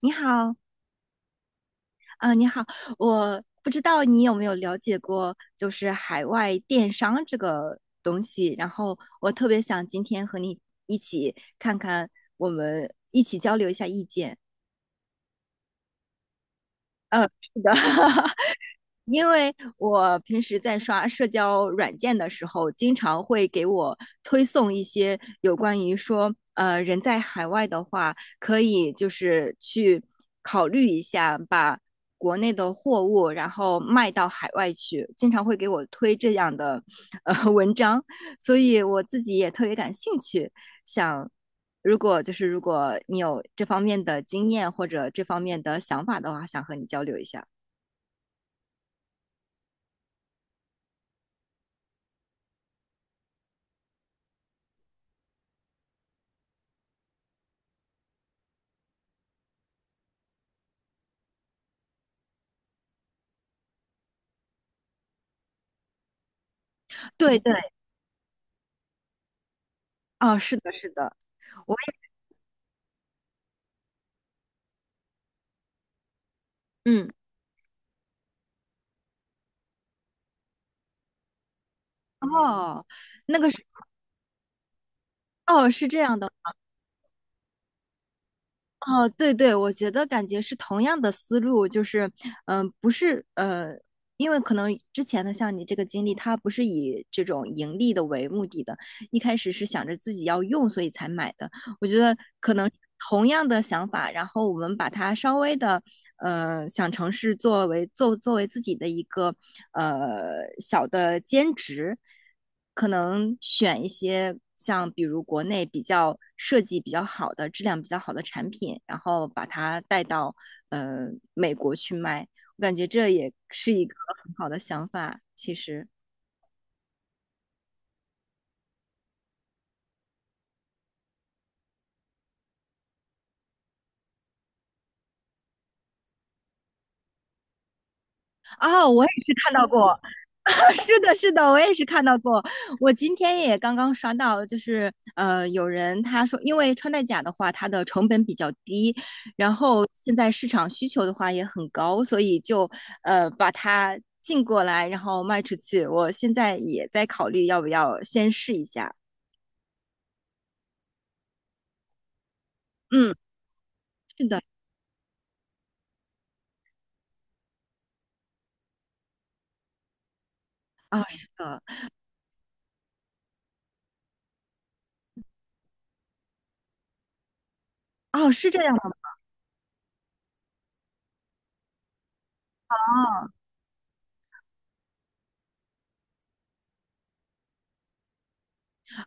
你好，啊、你好，我不知道你有没有了解过，就是海外电商这个东西。然后我特别想今天和你一起看看，我们一起交流一下意见。是的，因为我平时在刷社交软件的时候，经常会给我推送一些有关于说，人在海外的话，可以就是去考虑一下，把国内的货物然后卖到海外去，经常会给我推这样的文章，所以我自己也特别感兴趣，想如果就是如果你有这方面的经验或者这方面的想法的话，想和你交流一下。对对。哦，是的，是的，我也嗯，哦，那个是哦，是这样的，哦，对对，我觉得感觉是同样的思路，就是不是因为可能之前的像你这个经历，它不是以这种盈利的为目的的，一开始是想着自己要用，所以才买的。我觉得可能同样的想法，然后我们把它稍微的想尝试作为作为自己的一个小的兼职，可能选一些像比如国内比较设计比较好的、质量比较好的产品，然后把它带到呃美国去卖。我感觉这也是一个很好的想法，其实。哦，我也是看到过，是的，是的，我也是看到过。我今天也刚刚刷到，就是有人他说，因为穿戴甲的话，它的成本比较低，然后现在市场需求的话也很高，所以就把它进过来，然后卖出去。我现在也在考虑要不要先试一下。嗯，是的，啊，是的，哦，是这样的吗？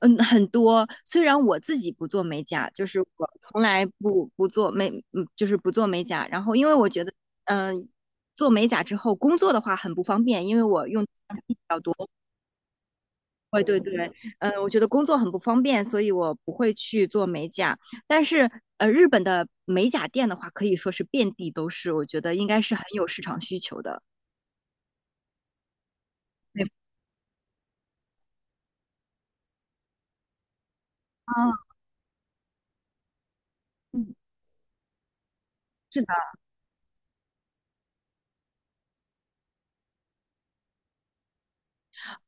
嗯，很多。虽然我自己不做美甲，就是我从来不不做美，嗯，就是不做美甲。然后，因为我觉得，嗯、做美甲之后工作的话很不方便，因为我用，对对对，我觉得工作很不方便，所以我不会去做美甲。但是，日本的美甲店的话，可以说是遍地都是，我觉得应该是很有市场需求的。对，啊，嗯是的。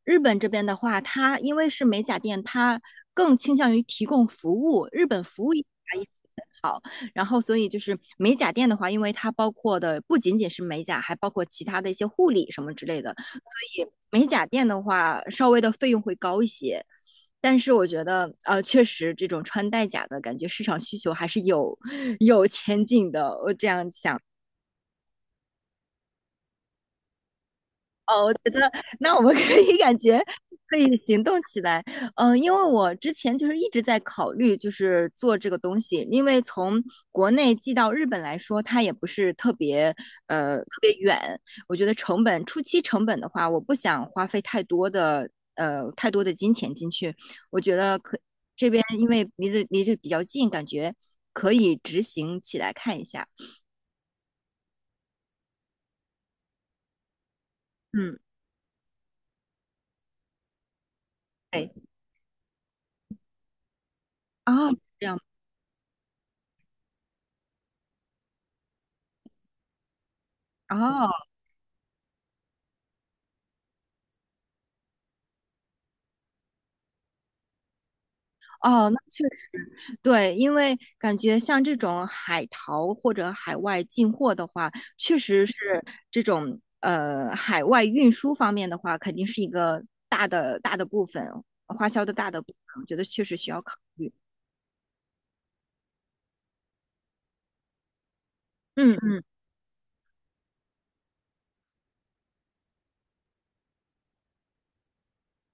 日本这边的话，它因为是美甲店，它更倾向于提供服务，日本服务业也好。然后，所以就是美甲店的话，因为它包括的不仅仅是美甲，还包括其他的一些护理什么之类的，所以美甲店的话，稍微的费用会高一些。但是我觉得，确实这种穿戴甲的感觉市场需求还是有 有前景的，我这样想。哦，我觉得那我们 可以感觉可以行动起来。因为我之前就是一直在考虑，就是做这个东西，因为从国内寄到日本来说，它也不是特别远。我觉得成本初期成本的话，我不想花费太多的金钱进去。我觉得这边因为离这比较近，感觉可以执行起来看一下。嗯，对，哦，这样，哦哦，那确实。对，因为感觉像这种海淘或者海外进货的话，确实是这种海外运输方面的话，肯定是一个大的部分，花销的大的部分，我觉得确实需要考虑。嗯，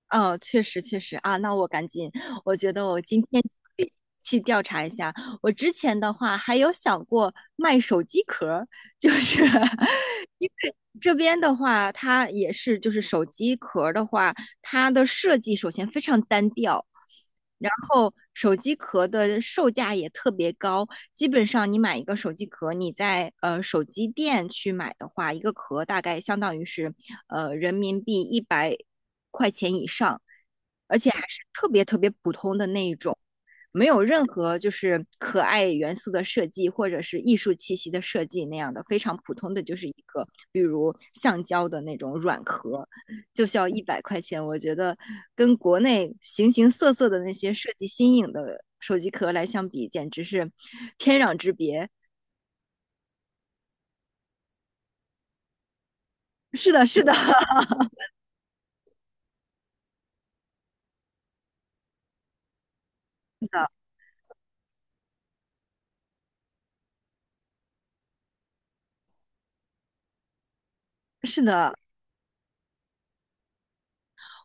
哦，确实确实啊，那我赶紧，我觉得我今天就可以去调查一下。我之前的话还有想过卖手机壳儿，就是 因为这边的话，它也是就是手机壳儿的话，它的设计首先非常单调，然后手机壳的售价也特别高，基本上你买一个手机壳，你在手机店去买的话，一个壳大概相当于是人民币一百块钱以上，而且还是特别特别普通的那一种，没有任何就是可爱元素的设计或者是艺术气息的设计那样的，非常普通的就是一个比如橡胶的那种软壳。就需要一百块钱，我觉得跟国内形形色色的那些设计新颖的手机壳来相比，简直是天壤之别。是的，是的，是的，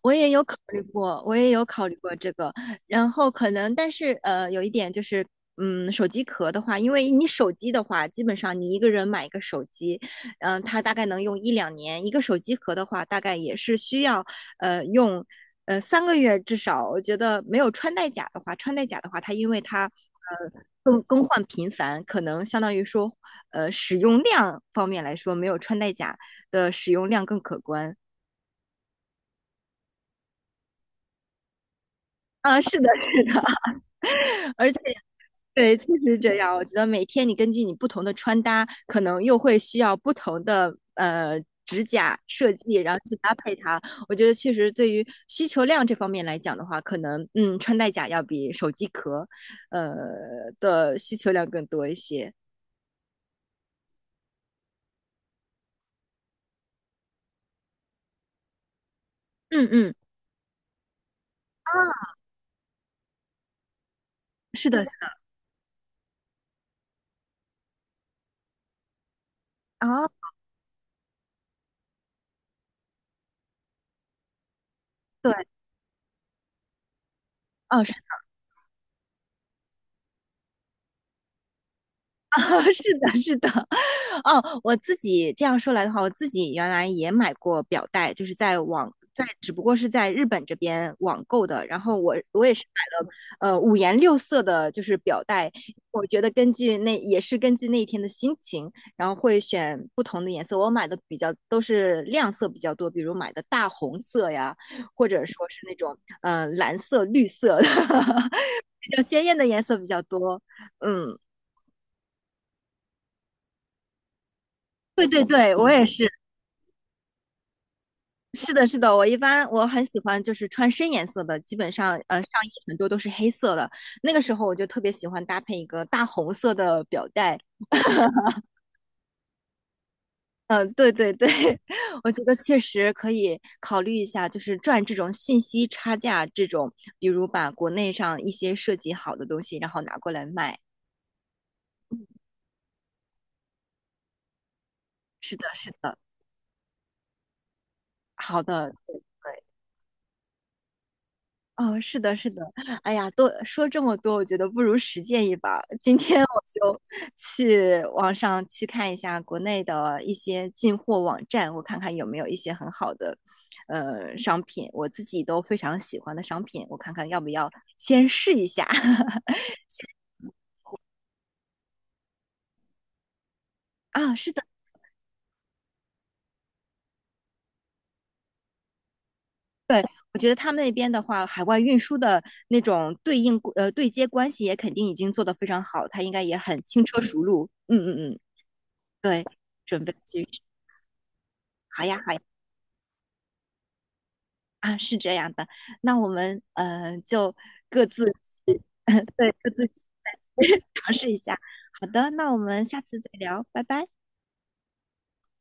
我也有考虑过，我也有考虑过这个，然后可能，但是有一点就是，手机壳的话，因为你手机的话，基本上你一个人买一个手机，它大概能用一两年，一个手机壳的话，大概也是需要用3个月至少。我觉得没有穿戴甲的话，穿戴甲的话，它因为它更换频繁，可能相当于说使用量方面来说，没有穿戴甲的使用量更可观。啊，是的，是的，对，确实是这样。我觉得每天你根据你不同的穿搭，可能又会需要不同的指甲设计，然后去搭配它。我觉得确实对于需求量这方面来讲的话，可能穿戴甲要比手机壳呃的需求量更多一些。嗯嗯，是的，是的，啊，对，哦，啊，是的，是的，哦，我自己这样说来的话，我自己原来也买过表带，就是在网，在只不过是在日本这边网购的。然后我也是买了，五颜六色的，就是表带。我觉得根据那也是根据那一天的心情，然后会选不同的颜色。我买的比较都是亮色比较多，比如买的大红色呀，或者说是那种蓝色、绿色的 比较鲜艳的颜色比较多。嗯。对对对，我也是。是的，是的，我一般很喜欢就是穿深颜色的，基本上上衣很多都是黑色的。那个时候我就特别喜欢搭配一个大红色的表带。对对对，我觉得确实可以考虑一下，就是赚这种信息差价这种，比如把国内上一些设计好的东西，然后拿过来卖。是的，是的，好的，对对。哦，是的，是的，哎呀，多说这么多，我觉得不如实践一把今天我就去网上去看一下国内的一些进货网站，我看看有没有一些很好的，商品，我自己都非常喜欢的商品，我看看要不要先试一下。啊，是的，对，我觉得他们那边的话，海外运输的那种对应呃对接关系也肯定已经做得非常好，他应该也很轻车熟路。嗯嗯嗯，对，准备去，好呀。好呀啊，是这样的，那我们就自 对就自己 尝试一下。好的，那我们下次再聊，拜拜。